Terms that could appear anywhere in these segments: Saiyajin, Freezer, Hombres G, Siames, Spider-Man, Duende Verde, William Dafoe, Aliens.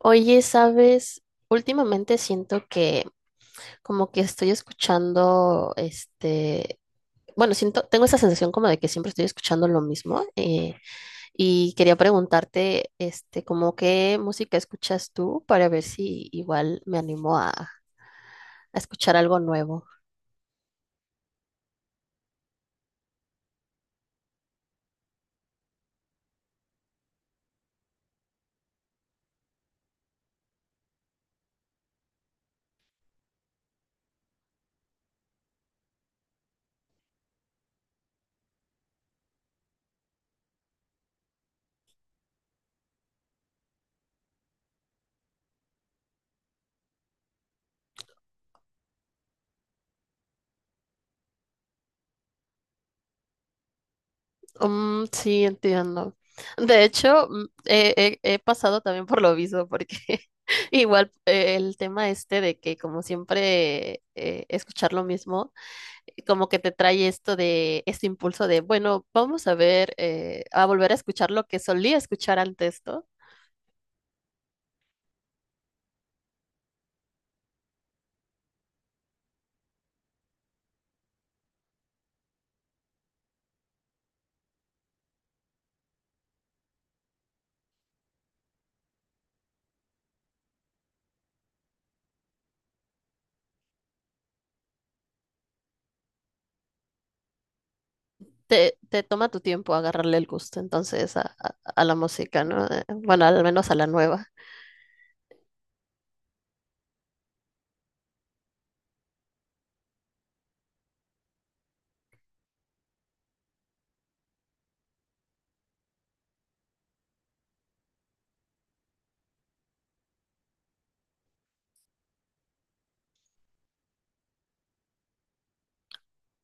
Oye, ¿sabes? Últimamente siento que como que estoy escuchando, bueno, siento, tengo esa sensación como de que siempre estoy escuchando lo mismo, y quería preguntarte, como qué música escuchas tú para ver si igual me animo a escuchar algo nuevo. Mm, sí, entiendo. De hecho, he pasado también por lo mismo, porque igual el tema este de que como siempre escuchar lo mismo, como que te trae esto de este impulso de, bueno, vamos a ver, a volver a escuchar lo que solía escuchar antes, ¿no? Te toma tu tiempo agarrarle el gusto entonces a, a la música, ¿no? Bueno, al menos a la nueva.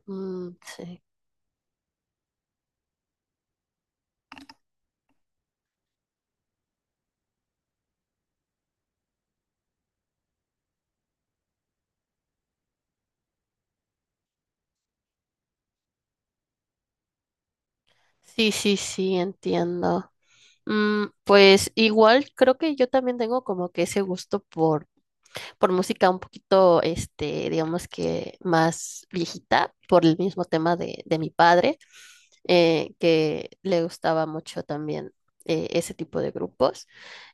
Mm, sí. Sí, sí, sí, entiendo. Mm, pues igual creo que yo también tengo como que ese gusto por música un poquito, digamos que más viejita, por el mismo tema de mi padre, que le gustaba mucho también ese tipo de grupos.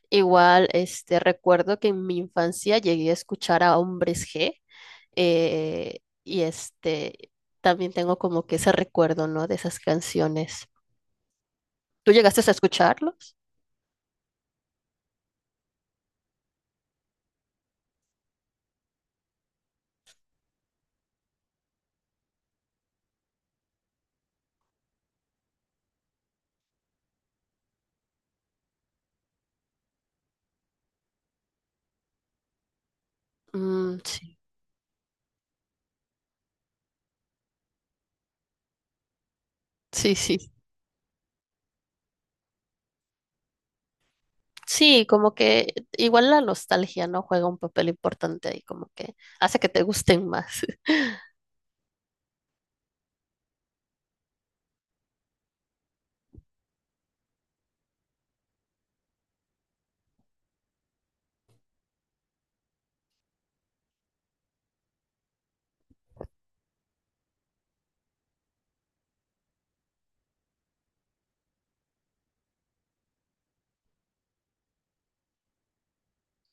Igual, recuerdo que en mi infancia llegué a escuchar a Hombres G, eh, y este, también tengo como que ese recuerdo, ¿no? De esas canciones. ¿Tú llegaste a escucharlos? Mm, sí. Sí, sí. Sí, como que igual la nostalgia, ¿no? Juega un papel importante ahí, como que hace que te gusten más.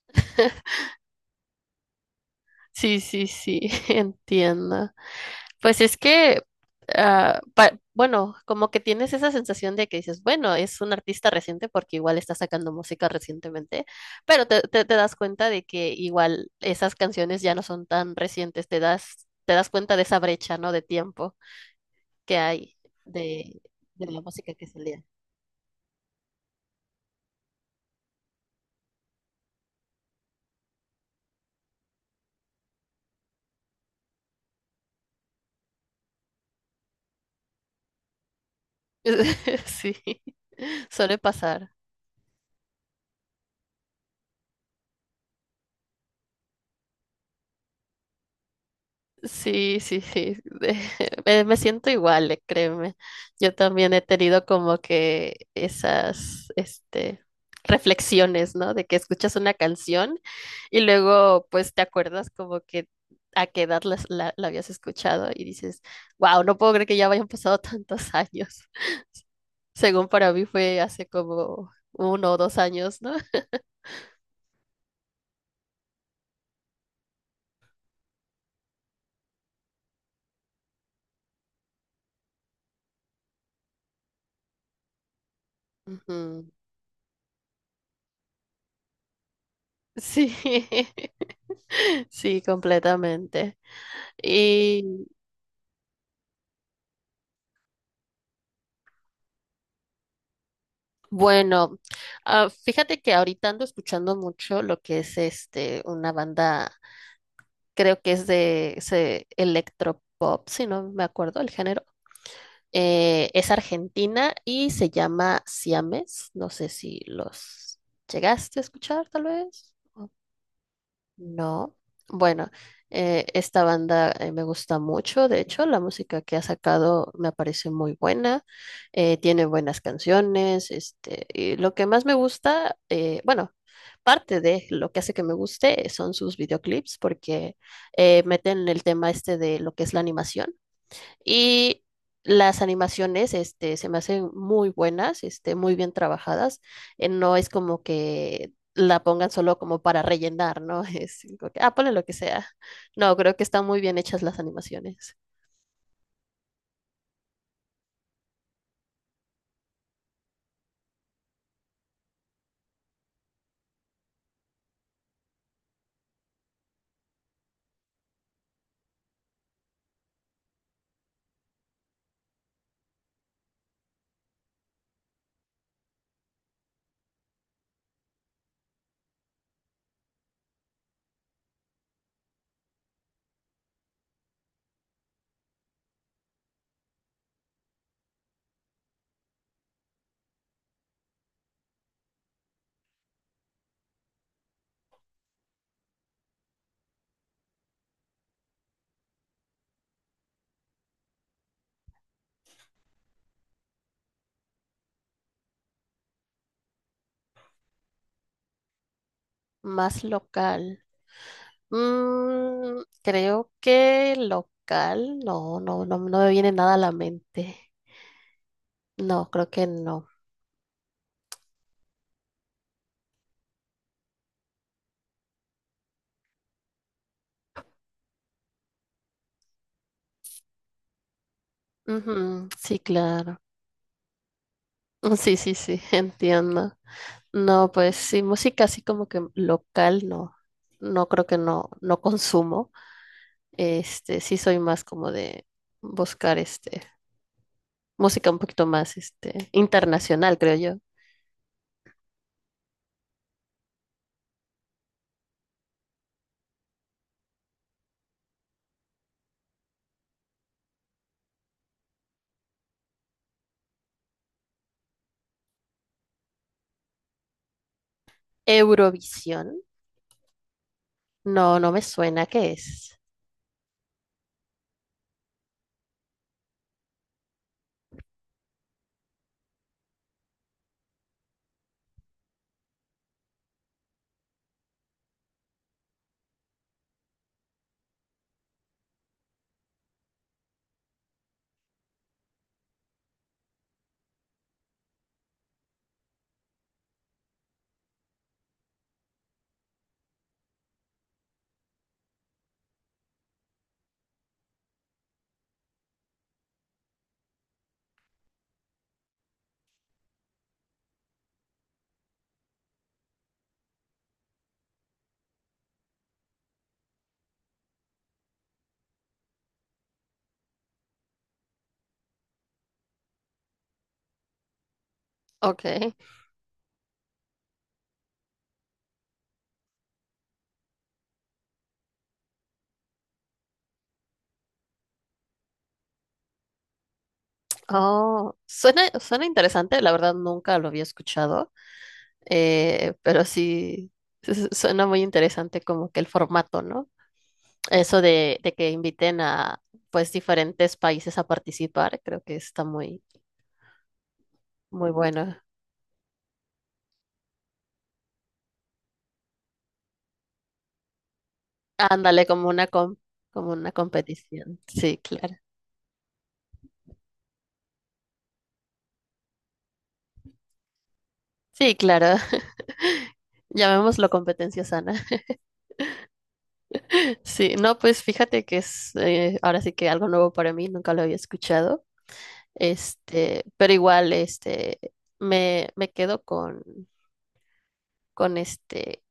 Sí, sí, sí, entiendo. Pues es que, bueno, como que tienes esa sensación de que dices, bueno, es un artista reciente porque igual está sacando música recientemente, pero te das cuenta de que igual esas canciones ya no son tan recientes, te das cuenta de esa brecha, ¿no? De tiempo que hay de, de la música que salía. Sí, suele pasar. Sí, sí, sí. Me siento igual, créeme. Yo también he tenido como que esas, reflexiones, ¿no? De que escuchas una canción y luego, pues, te acuerdas como que a qué edad la habías escuchado y dices, wow, no puedo creer que ya hayan pasado tantos años. Según para mí fue hace como uno o dos años, ¿no? Ujú. Sí. Sí, completamente. Y bueno, fíjate que ahorita ando escuchando mucho lo que es una banda, creo que es de ese electropop, si no me acuerdo el género. Es argentina y se llama Siames. No sé si los llegaste a escuchar, tal vez. No, bueno, esta banda, me gusta mucho, de hecho, la música que ha sacado me parece muy buena, tiene buenas canciones, y lo que más me gusta, bueno, parte de lo que hace que me guste son sus videoclips, porque meten el tema este de lo que es la animación. Y las animaciones, se me hacen muy buenas, muy bien trabajadas. No es como que la pongan solo como para rellenar, ¿no? Es como que, ah, ponle lo que sea. No, creo que están muy bien hechas las animaciones. Más local. Mm, creo que local, no, no, no, no me viene nada a la mente. No, creo que no. Ujú, sí, claro. Sí, sí, sí, entiendo. No, pues sí, música así como que local, no, no creo que no, no consumo. Este, sí soy más como de buscar música un poquito más internacional, creo yo. Eurovisión, no, no me suena, ¿qué es? Ok. Oh, suena, suena interesante, la verdad nunca lo había escuchado, pero sí suena muy interesante como que el formato, ¿no? Eso de que inviten a pues diferentes países a participar, creo que está muy, muy bueno. Ándale, como una competición. Sí, claro. Sí, claro. Llamémoslo competencia sana. Sí, no, pues fíjate que es ahora sí que algo nuevo para mí, nunca lo había escuchado. Este, pero igual, me quedo con este,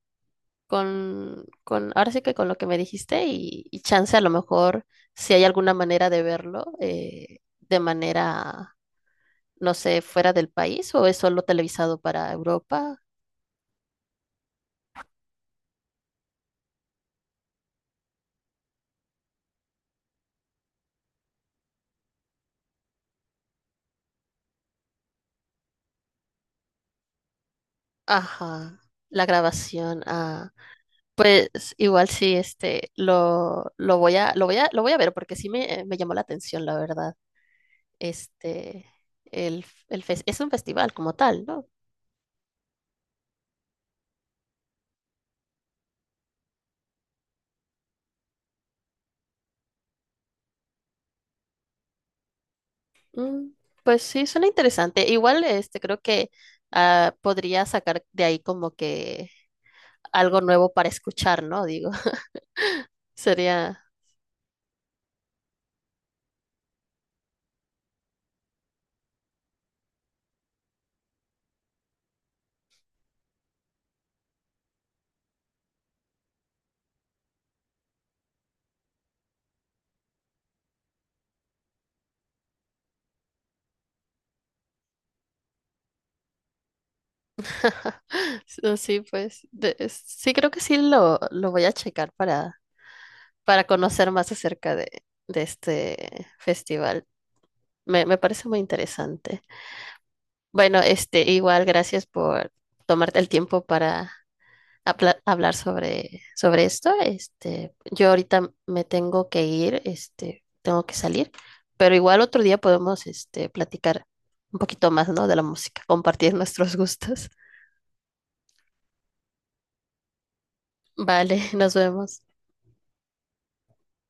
con ahora sí que con lo que me dijiste y chance a lo mejor si hay alguna manera de verlo de manera, no sé, fuera del país o es solo televisado para Europa. Ajá, la grabación. Ah, pues igual sí, lo voy a ver porque sí me llamó la atención, la verdad. este, el, es un festival como tal, ¿no? Mm, pues sí, suena interesante. Igual, creo que podría sacar de ahí como que algo nuevo para escuchar, ¿no? Digo, sería, sí, pues, sí, creo que sí lo voy a checar para conocer más acerca de este festival. Me parece muy interesante. Bueno, igual, gracias por tomarte el tiempo para hablar sobre, sobre esto. Este, yo ahorita me tengo que ir, tengo que salir, pero igual otro día podemos, platicar un poquito más, ¿no? De la música, compartir nuestros gustos. Vale, nos vemos.